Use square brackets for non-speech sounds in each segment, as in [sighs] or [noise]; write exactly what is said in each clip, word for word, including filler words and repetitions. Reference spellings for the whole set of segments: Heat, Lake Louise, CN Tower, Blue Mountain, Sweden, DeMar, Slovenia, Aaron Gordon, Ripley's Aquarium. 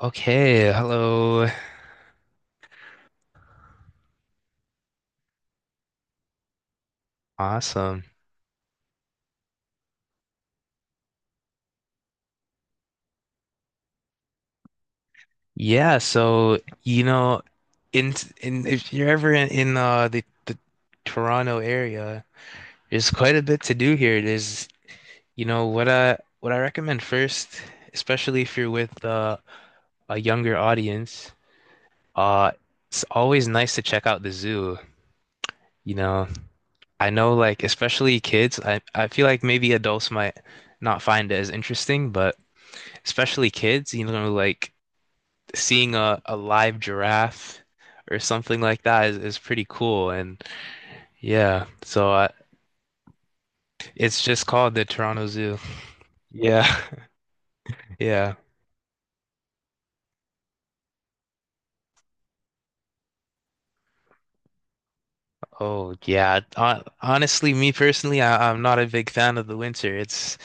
Okay, hello. Awesome. Yeah, so you know, in in if you're ever in, in uh the, the Toronto area, there's quite a bit to do here. There's you know what I what I recommend first, especially if you're with uh, a younger audience, uh it's always nice to check out the zoo, you know. I know like especially kids, I I feel like maybe adults might not find it as interesting, but especially kids, you know, like seeing a, a live giraffe or something like that is, is pretty cool. And yeah, so I, it's just called the Toronto Zoo. Yeah, [laughs] yeah. Oh yeah. Hon- honestly, me personally, I, I'm not a big fan of the winter. It's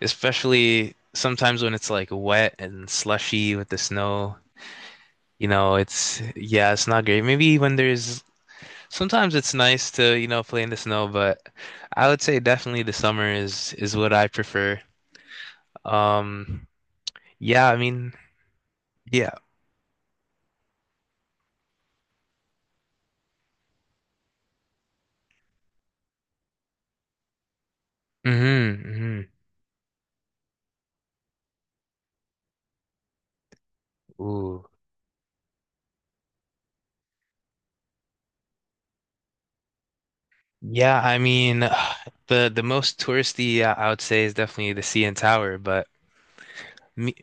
especially sometimes when it's like wet and slushy with the snow. You know, it's yeah, it's not great. Maybe when there's sometimes it's nice to, you know, play in the snow, but I would say definitely the summer is is what I prefer. Um, Yeah, I mean, yeah. Hmm, hmm. Ooh. Yeah, I mean, [sighs] the the most touristy uh, I would say is definitely the C N Tower, but me,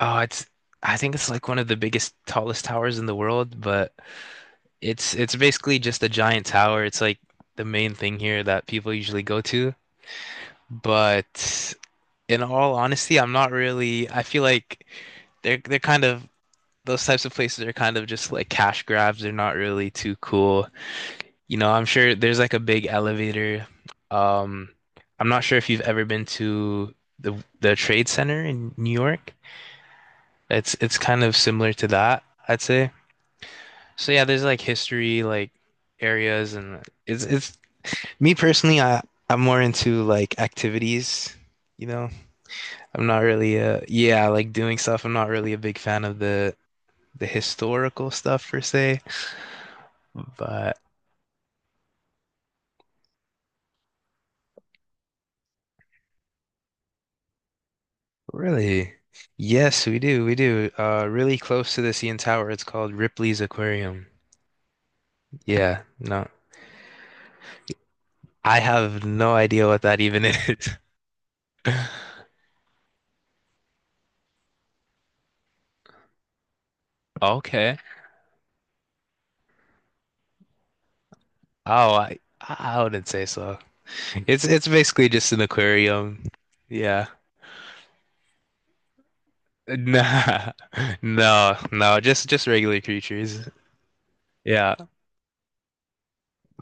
oh, it's I think it's like one of the biggest, tallest towers in the world, but it's it's basically just a giant tower. It's like the main thing here that people usually go to. But in all honesty, I'm not really, I feel like they're they're kind of those types of places are kind of just like cash grabs. They're not really too cool. You know, I'm sure there's like a big elevator. Um, I'm not sure if you've ever been to the the Trade Center in New York. It's it's kind of similar to that, I'd say. So yeah, there's like history like areas and it's it's me personally, I I'm more into like activities, you know. I'm not really uh yeah, like doing stuff. I'm not really a big fan of the the historical stuff per se, but really? Yes, we do. We do. Uh, really close to the C N Tower. It's called Ripley's Aquarium. Yeah, no, I have no idea what that even is. [laughs] Okay. Oh, I I wouldn't say so. It's it's basically just an aquarium. Yeah. Nah. [laughs] No, no, just just regular creatures. Yeah.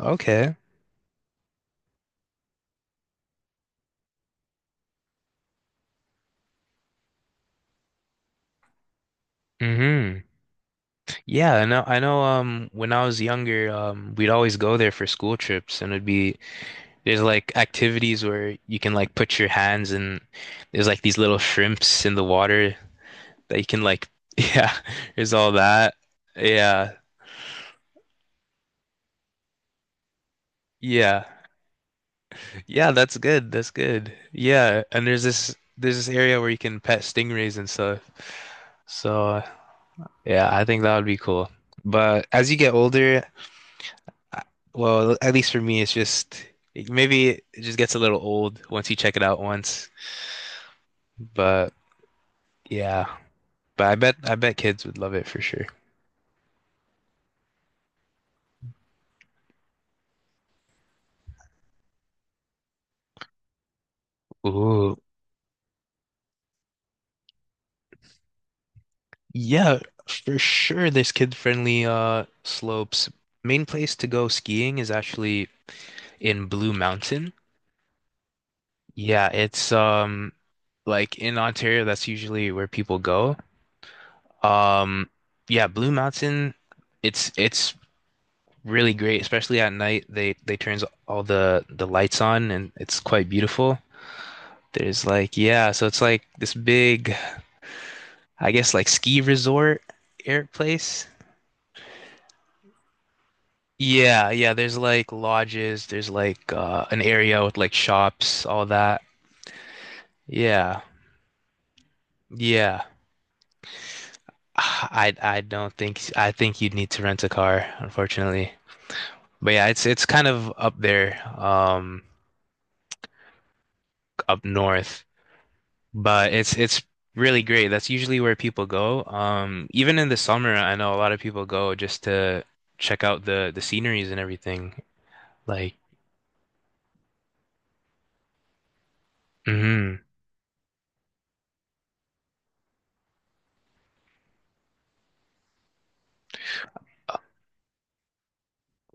Okay. Hmm. Yeah, I know I know um when I was younger, um we'd always go there for school trips and it'd be there's like activities where you can like put your hands and there's like these little shrimps in the water that you can like [laughs] yeah, there's all that. Yeah. Yeah. Yeah, that's good. That's good. Yeah, and there's this there's this area where you can pet stingrays and stuff. So, yeah, I think that would be cool. But as you get older, I- well, at least for me, it's just maybe it just gets a little old once you check it out once. But yeah. But I bet I bet kids would love it for sure. Ooh, yeah, for sure. There's kid-friendly uh slopes. Main place to go skiing is actually in Blue Mountain. Yeah, it's um like in Ontario, that's usually where people go. Um, yeah, Blue Mountain, it's it's really great, especially at night. They they turns all the the lights on and it's quite beautiful. There's like yeah, so it's like this big I guess like ski resort air place. Yeah, yeah, there's like lodges, there's like uh an area with like shops, all that. Yeah. Yeah. [sighs] I I don't think I think you'd need to rent a car, unfortunately. But yeah, it's it's kind of up there, um up north, but it's it's really great. That's usually where people go. Um, even in the summer, I know a lot of people go just to check out the the sceneries and everything. Like, mhm.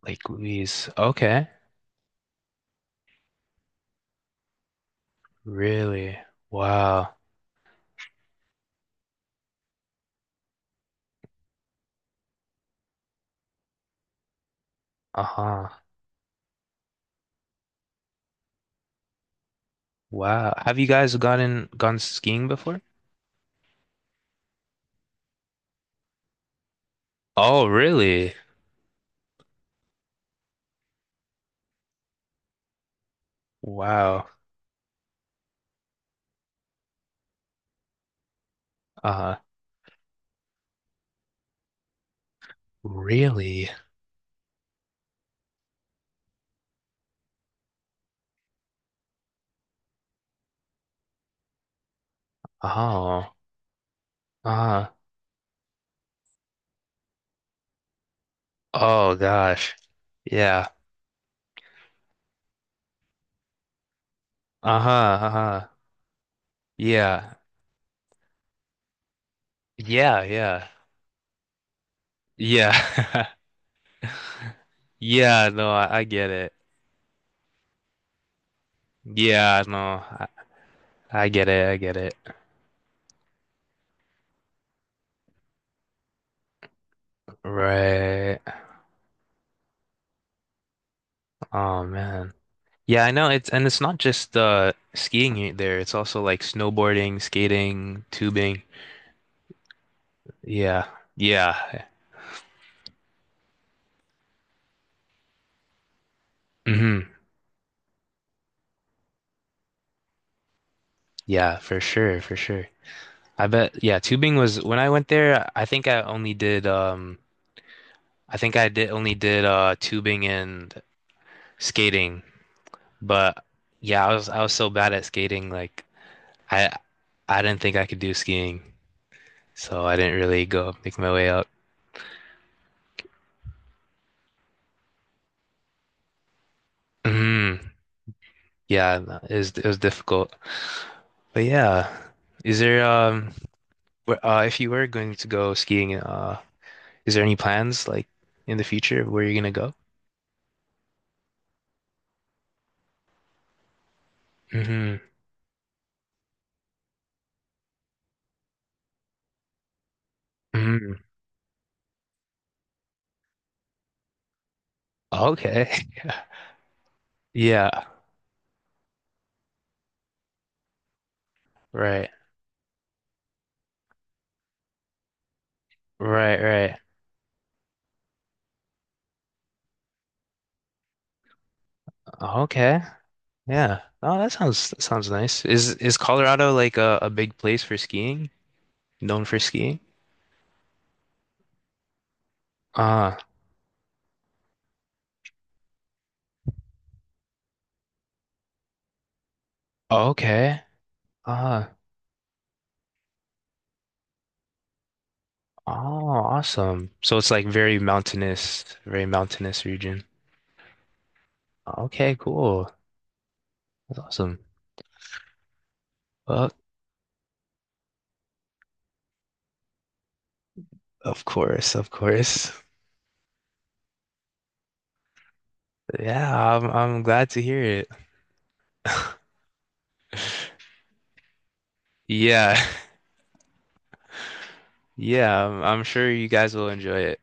Lake Louise. Okay. Really? Wow. Uh-huh. Wow. Have you guys gotten gone skiing before? Oh, really? Wow. Uh, really? Oh. Uh-huh. Oh gosh. Yeah. Uh-huh. Uh-huh. Yeah. Yeah, yeah. Yeah. [laughs] Yeah, no, I, I get it. Yeah, no, I, I get it. I get it. Right. Oh man. Yeah, I know it's and it's not just uh skiing here- there. It's also like snowboarding, skating, tubing. Yeah. Yeah. Hmm. Yeah, for sure, for sure. I bet yeah, tubing was when I went there, I think I only did um I think I did only did uh tubing and skating. But yeah, I was I was so bad at skating like I I didn't think I could do skiing. So I didn't really go make my way up. Mhm. Yeah, no, it was, it was difficult. But yeah, is there um where- uh if you were going to go skiing, uh is there any plans like in the future of where you're gonna go? Hmm, hmm. Okay. [laughs] Yeah. Right. Right, right. Okay. Yeah. Oh, that sounds that sounds nice. Is is Colorado like a, a big place for skiing? Known for skiing? Uh, okay. Uh, oh, awesome. So it's like very mountainous, very mountainous region. Okay, cool. That's awesome. Well, of course, of course. Yeah, I'm I'm glad to hear it. [laughs] Yeah. [laughs] Yeah, I'm, I'm sure you guys will enjoy it.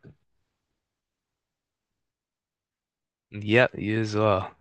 Yep, you as well.